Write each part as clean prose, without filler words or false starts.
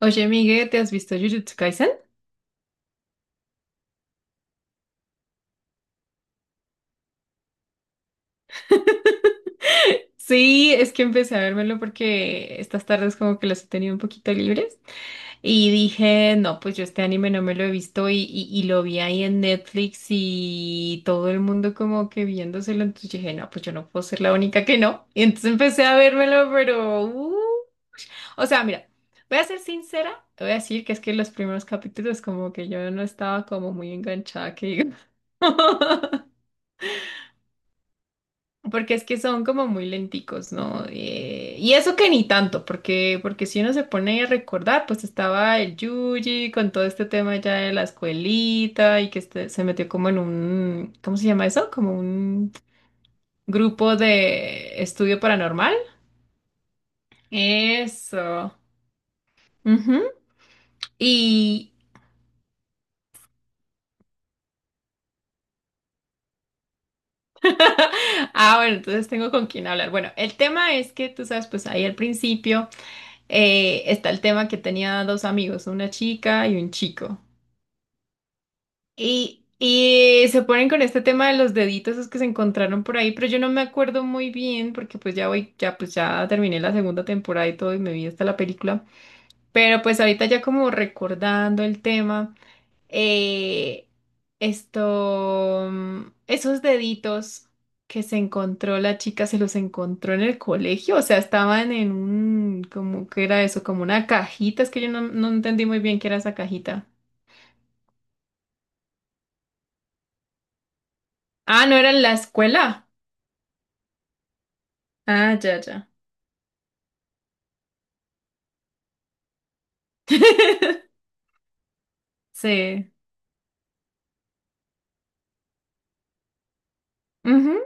Oye, Miguel, ¿te has visto Jujutsu Kaisen? Sí, es que empecé a vérmelo porque estas tardes como que las he tenido un poquito libres y dije, no, pues yo este anime no me lo he visto y lo vi ahí en Netflix y todo el mundo como que viéndoselo, entonces dije, no, pues yo no puedo ser la única que no. Y entonces empecé a vérmelo, pero o sea, mira, voy a ser sincera, voy a decir que es que los primeros capítulos como que yo no estaba como muy enganchada, que digo. Porque es que son como muy lenticos, ¿no? Y eso que ni tanto, porque si uno se pone a recordar, pues estaba el Yuji con todo este tema ya de la escuelita y que se metió como en un, ¿cómo se llama eso? Como un grupo de estudio paranormal. Eso. Ujú. Y, Ah, bueno, entonces tengo con quién hablar. Bueno, el tema es que tú sabes, pues ahí al principio está el tema que tenía dos amigos, una chica y un chico. Y se ponen con este tema de los deditos esos que se encontraron por ahí, pero yo no me acuerdo muy bien porque pues ya voy, ya pues ya terminé la segunda temporada y todo y me vi hasta la película. Pero pues ahorita ya como recordando el tema, eh, esto, esos deditos que se encontró la chica, se los encontró en el colegio, o sea, estaban en un, como que era eso, como una cajita, es que yo no entendí muy bien qué era esa cajita. Ah, no era en la escuela. Ah, ya, ya. Sí. Ujú.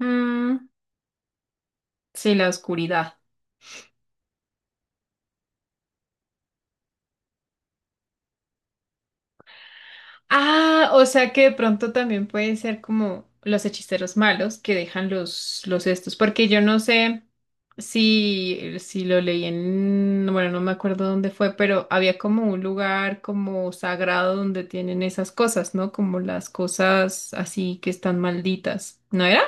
Mm, sí, la oscuridad. Ah, o sea que de pronto también puede ser como los hechiceros malos que dejan los, estos, porque yo no sé si lo leí en, bueno, no me acuerdo dónde fue, pero había como un lugar como sagrado donde tienen esas cosas, ¿no? Como las cosas así que están malditas, ¿no era?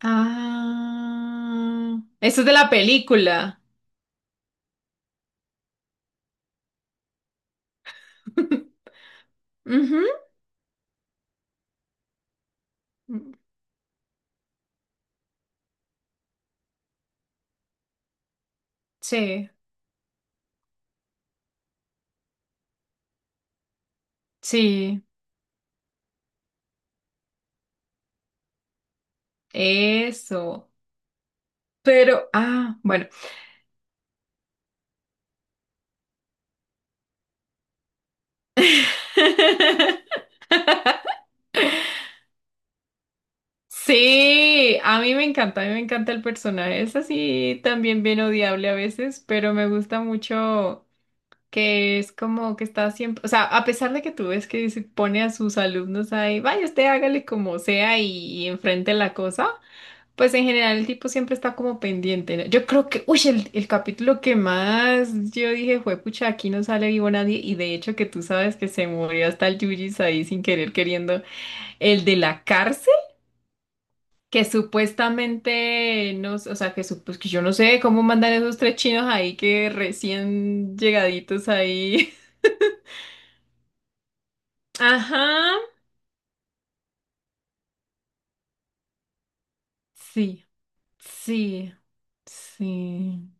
Ah, eso es de la película. Ujú. Mm, sí, sí, eso. Pero, ah, bueno. Sí, a mí me encanta, a mí me encanta el personaje. Es así también bien odiable a veces, pero me gusta mucho que es como que está siempre, o sea, a pesar de que tú ves que se pone a sus alumnos ahí, vaya usted hágale como sea y enfrente la cosa. Pues en general el tipo siempre está como pendiente, ¿no? Yo creo que, uy, el capítulo que más yo dije fue, pucha, aquí no sale vivo nadie. Y de hecho que tú sabes que se murió hasta el Yujis ahí sin querer queriendo. El de la cárcel, que supuestamente, no sé, o sea, que, pues, que yo no sé cómo mandan esos tres chinos ahí que recién llegaditos ahí. Ajá. Sí, sí, sí.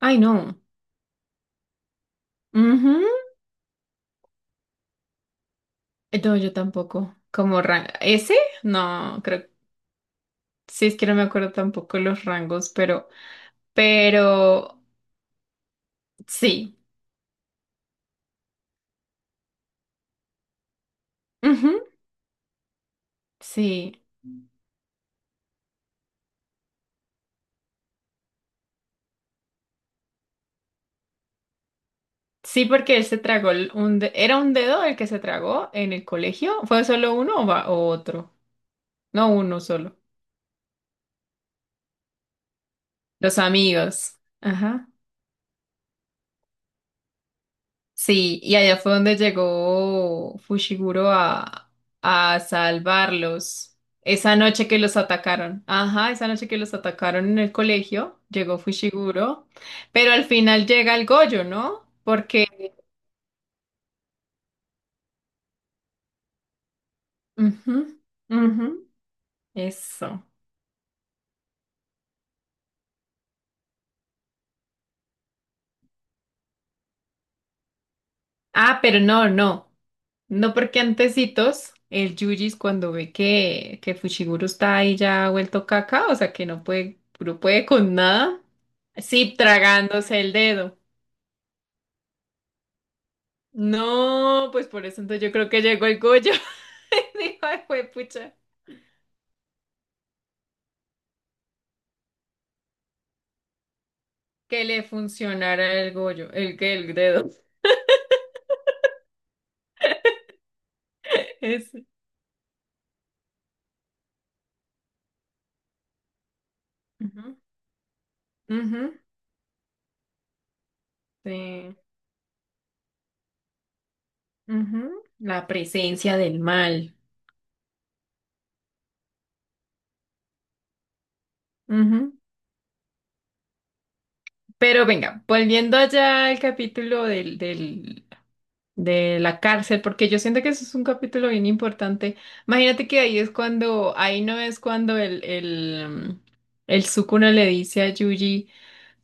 Ay, no. Ujú. No, yo tampoco. Como ¿ese? No, creo. Sí, es que no me acuerdo tampoco los rangos, pero. Pero. Sí. Ujú, sí. Sí, porque él se tragó un ¿era un dedo el que se tragó en el colegio? ¿Fue solo uno o, o otro? No, uno solo. Los amigos. Ajá. Sí, y allá fue donde llegó Fushiguro a, salvarlos. Esa noche que los atacaron. Ajá, esa noche que los atacaron en el colegio, llegó Fushiguro. Pero al final llega el Goyo, ¿no? Porque. Ujú, ujú, eso. Ah, pero no, no. No porque antecitos, el Yujis cuando ve que, Fushiguro está ahí ya vuelto caca, o sea que no puede, no puede con nada. Sí, tragándose el dedo. No, pues por eso entonces yo creo que llegó el Goyo. Y dijo, ay, juepucha, que le funcionara el Goyo, el que el dedo. Ese. Ujú, ujú, sí, ujú. La presencia del mal. Ujú. Pero venga, volviendo allá al capítulo del, de la cárcel, porque yo siento que eso es un capítulo bien importante. Imagínate que ahí es cuando, ahí no es cuando mm, el Sukuna le dice a Yuji,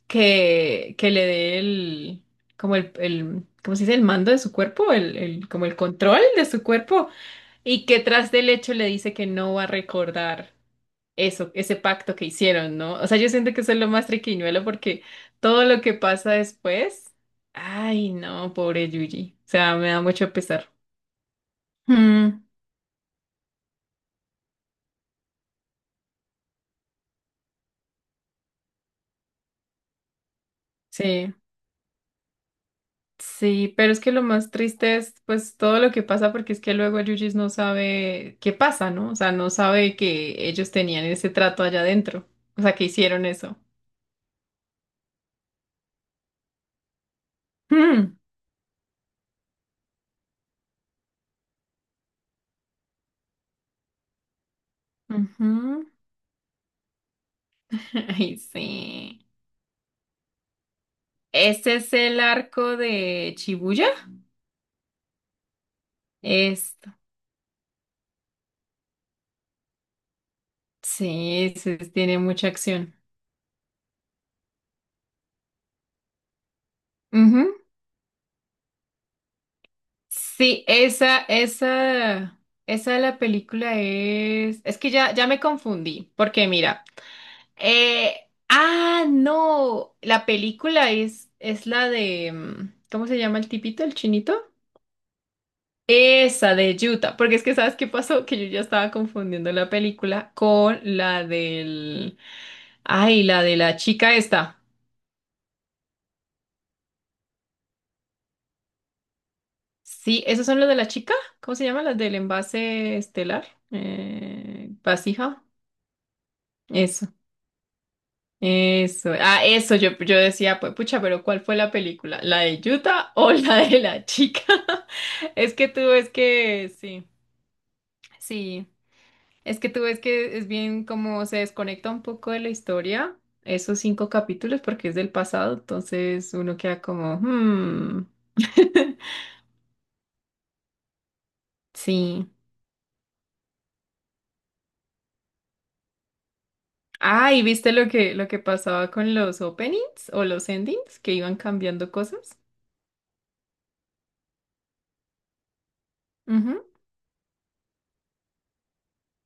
que le dé el, como el, ¿cómo se dice? El mando de su cuerpo, el, como el control de su cuerpo, y que tras del hecho le dice que no va a recordar eso, ese pacto que hicieron, ¿no? O sea, yo siento que eso es lo más triquiñuelo porque todo lo que pasa después, ay, no, pobre Yuji, o sea, me da mucho pesar. Mm, sí. Sí, pero es que lo más triste es pues todo lo que pasa porque es que luego el Yujis no sabe qué pasa, ¿no? O sea, no sabe que ellos tenían ese trato allá adentro. O sea, que hicieron eso. Mm. Ujú. Ay, sí. Ese es el arco de Shibuya. Esto. Sí, ese tiene mucha acción. Ujú. Sí, esa, esa de la película es. Es que ya, me confundí. Porque mira. Eh, ah, no, la película es la de, ¿cómo se llama el tipito, el chinito? Esa de Utah, porque es que ¿sabes qué pasó? Que yo ya estaba confundiendo la película con la del, ay, la de la chica esta. Sí, ¿esos son los de la chica? ¿Cómo se llama? Las del envase estelar, vasija. Eso. Eso, ah, eso, yo decía, pues pucha, pero ¿cuál fue la película? ¿La de Utah o la de la chica? Es que tú ves que, sí, sí, es que tú ves que es bien como se desconecta un poco de la historia, esos cinco capítulos, porque es del pasado, entonces uno queda como, hmm, sí. Ah, ¿y viste lo que pasaba con los openings o los endings, que iban cambiando cosas? Ujú,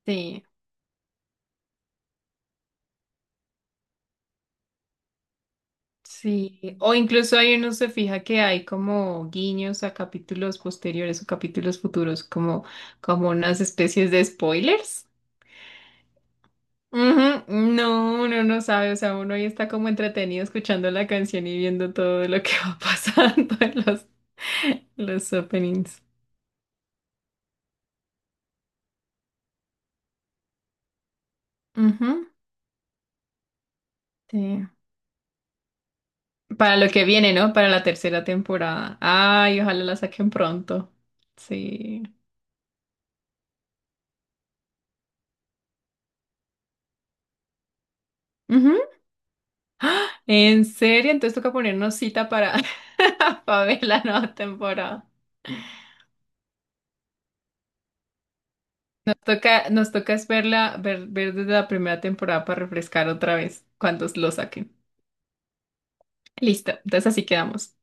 sí. Sí, o incluso ahí uno se fija que hay como guiños a capítulos posteriores o capítulos futuros, como, unas especies de spoilers. Ujú, no, uno no sabe, o sea, uno ahí está como entretenido escuchando la canción y viendo todo lo que va pasando en los, openings. Ujú, sí. Para lo que viene, ¿no? Para la tercera temporada. Ay, ojalá la saquen pronto. Sí. Ujú. ¿En serio? Entonces toca ponernos cita para, para ver la nueva temporada. Nos toca es verla, ver, desde la primera temporada para refrescar otra vez cuando lo saquen. Listo, entonces así quedamos.